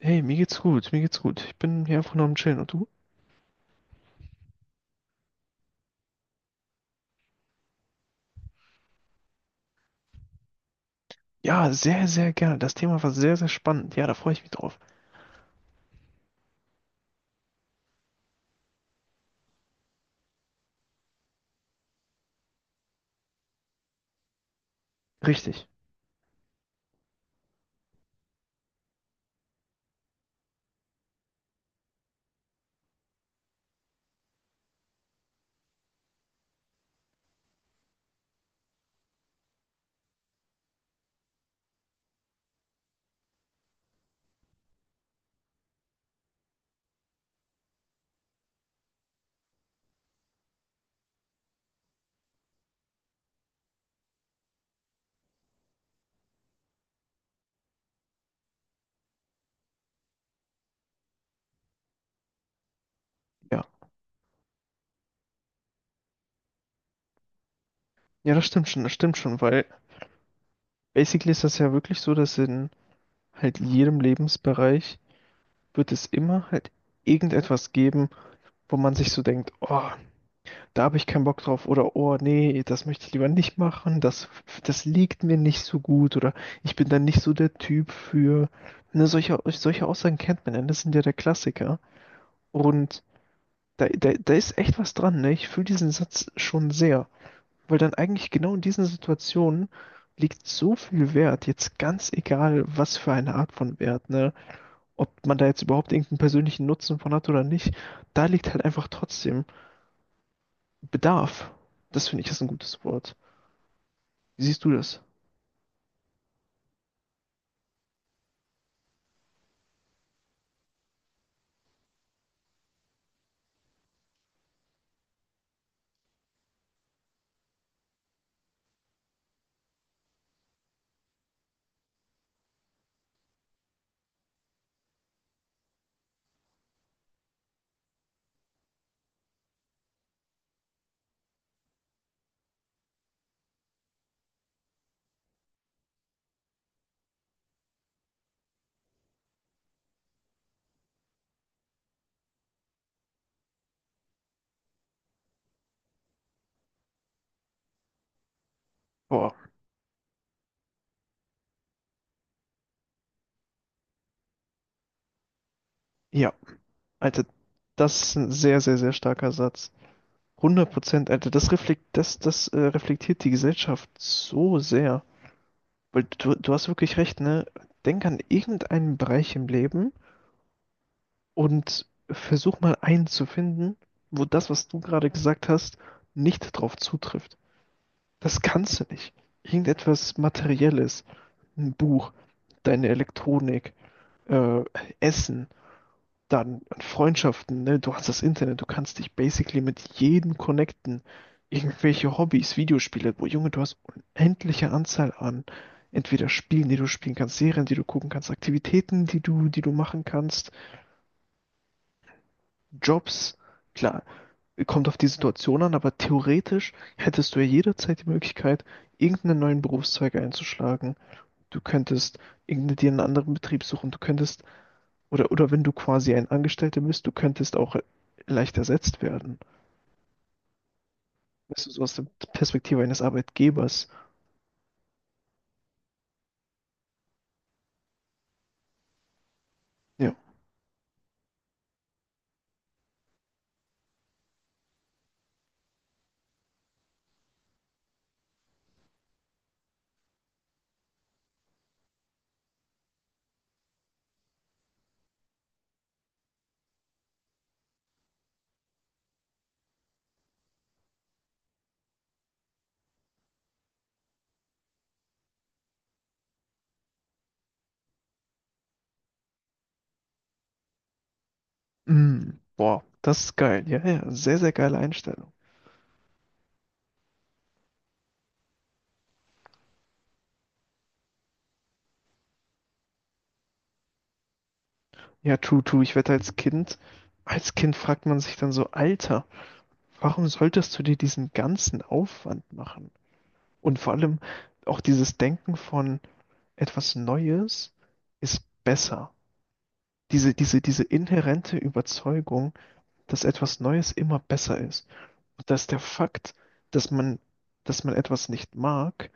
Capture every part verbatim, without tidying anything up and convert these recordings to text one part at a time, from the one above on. Hey, mir geht's gut, mir geht's gut. Ich bin hier einfach nur am Chillen. Und du? Ja, sehr, sehr gerne. Das Thema war sehr, sehr spannend. Ja, da freue ich mich drauf. Richtig, ja. Ja, das stimmt schon, das stimmt schon, weil basically ist das ja wirklich so, dass in halt jedem Lebensbereich wird es immer halt irgendetwas geben, wo man sich so denkt, oh, da habe ich keinen Bock drauf oder oh, nee, das möchte ich lieber nicht machen, das, das liegt mir nicht so gut oder ich bin da nicht so der Typ für. Ne, solche, solche Aussagen kennt man ja, das sind ja der Klassiker. Und da, da, da ist echt was dran, ne? Ich fühle diesen Satz schon sehr, weil dann eigentlich genau in diesen Situationen liegt so viel Wert, jetzt ganz egal, was für eine Art von Wert, ne? Ob man da jetzt überhaupt irgendeinen persönlichen Nutzen von hat oder nicht, da liegt halt einfach trotzdem Bedarf. Das finde ich ist ein gutes Wort. Wie siehst du das? Boah, ja, Alter, das ist ein sehr, sehr, sehr starker Satz. hundert Prozent, Alter, das reflekt, das, das äh, reflektiert die Gesellschaft so sehr. Weil du, du hast wirklich recht, ne? Denk an irgendeinen Bereich im Leben und versuch mal einen zu finden, wo das, was du gerade gesagt hast, nicht drauf zutrifft. Das kannst du nicht. Irgendetwas Materielles, ein Buch, deine Elektronik, äh, Essen, dann an Freundschaften, ne? Du hast das Internet, du kannst dich basically mit jedem connecten. Irgendwelche Hobbys, Videospiele, wo Junge, du hast unendliche Anzahl an entweder Spielen, die du spielen kannst, Serien, die du gucken kannst, Aktivitäten, die du, die du machen kannst, Jobs. Klar, kommt auf die Situation an, aber theoretisch hättest du ja jederzeit die Möglichkeit, irgendeinen neuen Berufszweig einzuschlagen. Du könntest irgendeinen dir einen anderen Betrieb suchen, du könntest Oder, oder wenn du quasi ein Angestellter bist, du könntest auch äh, leicht ersetzt werden. Weißt du, so aus der Perspektive eines Arbeitgebers. Ja. Mm, boah, das ist geil. Ja, ja, sehr, sehr geile Einstellung. Ja, true, true. Ich wette, als Kind, als Kind fragt man sich dann so, Alter, warum solltest du dir diesen ganzen Aufwand machen? Und vor allem auch dieses Denken von etwas Neues ist besser. Diese, diese, diese inhärente Überzeugung, dass etwas Neues immer besser ist. Dass der Fakt, dass man, dass man etwas nicht mag,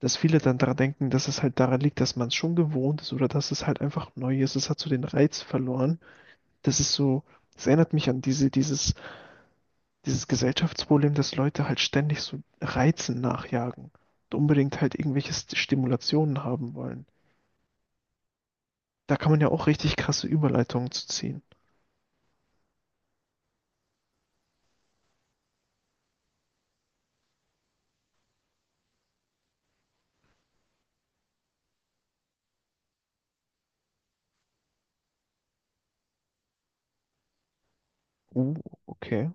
dass viele dann daran denken, dass es halt daran liegt, dass man es schon gewohnt ist oder dass es halt einfach neu ist. Es hat so den Reiz verloren. Das ist so, das erinnert mich an diese, dieses, dieses Gesellschaftsproblem, dass Leute halt ständig so Reizen nachjagen und unbedingt halt irgendwelche St- Stimulationen haben wollen. Da kann man ja auch richtig krasse Überleitungen zu ziehen. Oh, okay.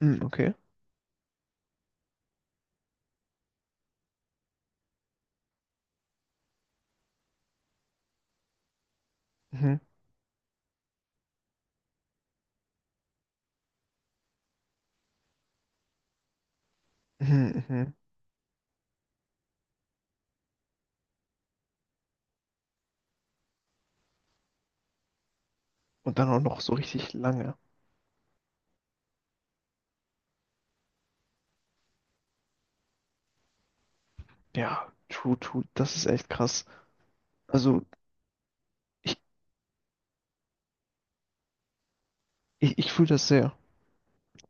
Hm, okay. Mhm. Mhm, mhm. Und dann auch noch so richtig lange. Ja, true, true. Das ist echt krass. Also, ich, ich, ich fühle das sehr.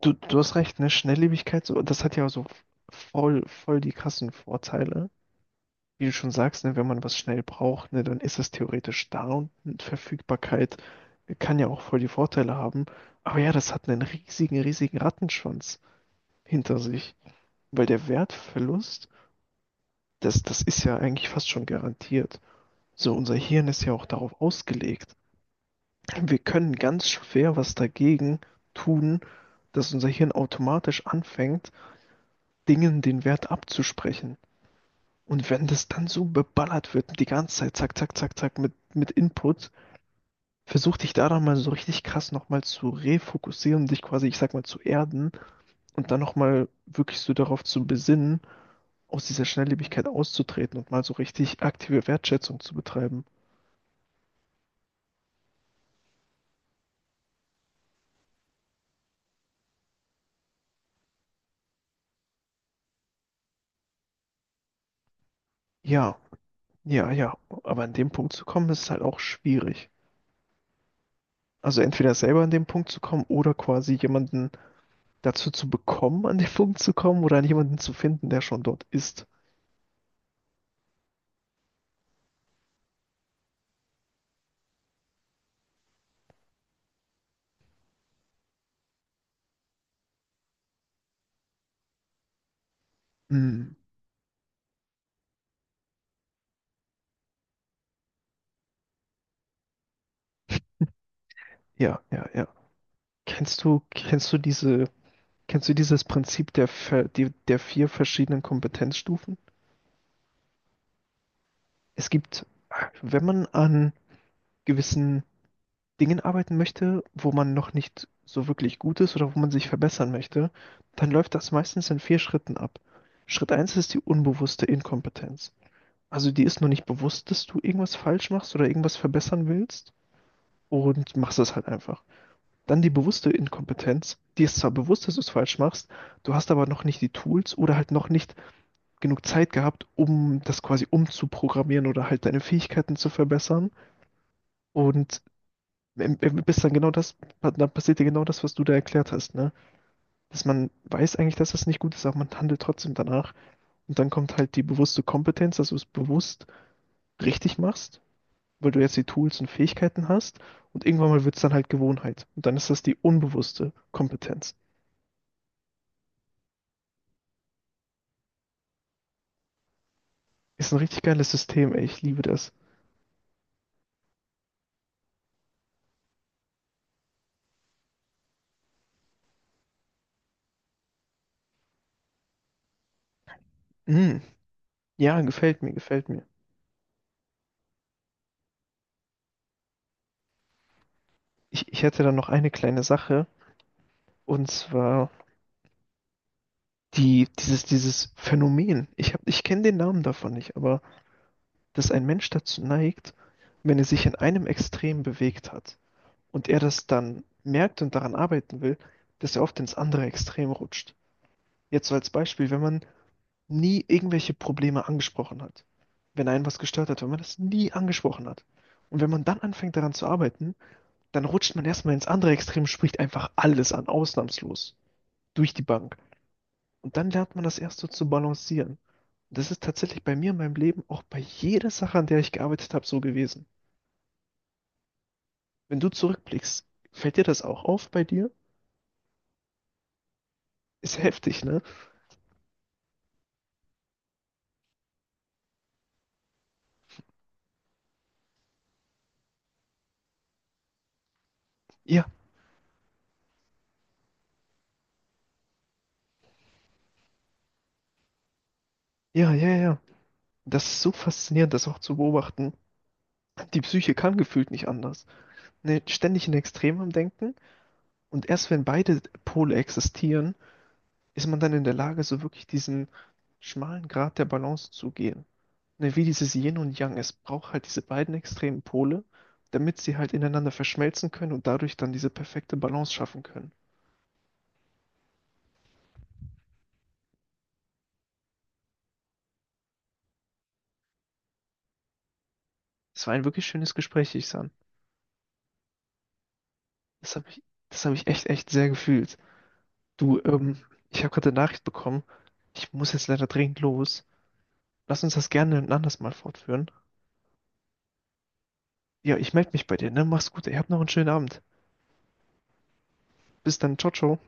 Du, du hast recht, ne? Schnelllebigkeit, so, das hat ja so voll, voll die krassen Vorteile. Wie du schon sagst, ne, wenn man was schnell braucht, ne, dann ist es theoretisch da und Verfügbarkeit kann ja auch voll die Vorteile haben. Aber ja, das hat einen riesigen, riesigen Rattenschwanz hinter sich. Weil der Wertverlust, das, das ist ja eigentlich fast schon garantiert. So, unser Hirn ist ja auch darauf ausgelegt. Wir können ganz schwer was dagegen tun, dass unser Hirn automatisch anfängt, Dingen den Wert abzusprechen. Und wenn das dann so beballert wird, die ganze Zeit, zack, zack, zack, zack, mit, mit Input, versuch dich daran mal so richtig krass nochmal zu refokussieren, dich quasi, ich sag mal, zu erden und dann nochmal wirklich so darauf zu besinnen, aus dieser Schnelllebigkeit auszutreten und mal so richtig aktive Wertschätzung zu betreiben. Ja, ja, ja, aber an dem Punkt zu kommen, ist halt auch schwierig. Also entweder selber an den Punkt zu kommen oder quasi jemanden dazu zu bekommen, an den Punkt zu kommen oder an jemanden zu finden, der schon dort ist. Hm. Ja, ja, ja. Kennst du, kennst du diese, kennst du dieses Prinzip der, ver- die, der vier verschiedenen Kompetenzstufen? Es gibt, wenn man an gewissen Dingen arbeiten möchte, wo man noch nicht so wirklich gut ist oder wo man sich verbessern möchte, dann läuft das meistens in vier Schritten ab. Schritt eins ist die unbewusste Inkompetenz. Also dir ist noch nicht bewusst, dass du irgendwas falsch machst oder irgendwas verbessern willst und machst es halt einfach. Dann die bewusste Inkompetenz. Dir ist zwar bewusst, dass du es falsch machst, du hast aber noch nicht die Tools oder halt noch nicht genug Zeit gehabt, um das quasi umzuprogrammieren oder halt deine Fähigkeiten zu verbessern. Und im- im- bist dann genau das, dann passiert dir genau das, was du da erklärt hast, ne? Dass man weiß eigentlich, dass das nicht gut ist, aber man handelt trotzdem danach. Und dann kommt halt die bewusste Kompetenz, dass du es bewusst richtig machst, weil du jetzt die Tools und Fähigkeiten hast und irgendwann mal wird es dann halt Gewohnheit. Und dann ist das die unbewusste Kompetenz. Ist ein richtig geiles System, ey, ich liebe das. Mm, ja, gefällt mir, gefällt mir. Ich, ich hätte dann noch eine kleine Sache und zwar die, dieses, dieses Phänomen. Ich hab, ich kenne den Namen davon nicht, aber dass ein Mensch dazu neigt, wenn er sich in einem Extrem bewegt hat und er das dann merkt und daran arbeiten will, dass er oft ins andere Extrem rutscht. Jetzt so als Beispiel, wenn man nie irgendwelche Probleme angesprochen hat. Wenn einen was gestört hat, wenn man das nie angesprochen hat. Und wenn man dann anfängt daran zu arbeiten, dann rutscht man erstmal ins andere Extrem, spricht einfach alles an, ausnahmslos, durch die Bank. Und dann lernt man das erst so zu balancieren. Und das ist tatsächlich bei mir in meinem Leben auch bei jeder Sache, an der ich gearbeitet habe, so gewesen. Wenn du zurückblickst, fällt dir das auch auf bei dir? Ist heftig, ne? Ja, ja, ja, ja. Das ist so faszinierend, das auch zu beobachten. Die Psyche kann gefühlt nicht anders, ne, ständig in Extremen am Denken. Und erst wenn beide Pole existieren, ist man dann in der Lage, so wirklich diesen schmalen Grat der Balance zu gehen. Ne, wie dieses Yin und Yang. Es braucht halt diese beiden extremen Pole, damit sie halt ineinander verschmelzen können und dadurch dann diese perfekte Balance schaffen können. Es war ein wirklich schönes Gespräch, Ihsan. Das habe ich, das habe ich echt, echt sehr gefühlt. Du, ähm, ich habe gerade eine Nachricht bekommen. Ich muss jetzt leider dringend los. Lass uns das gerne ein anderes Mal fortführen. Ja, ich melde mich bei dir, ne? Mach's gut, ey. Habt noch einen schönen Abend. Bis dann. Ciao, ciao.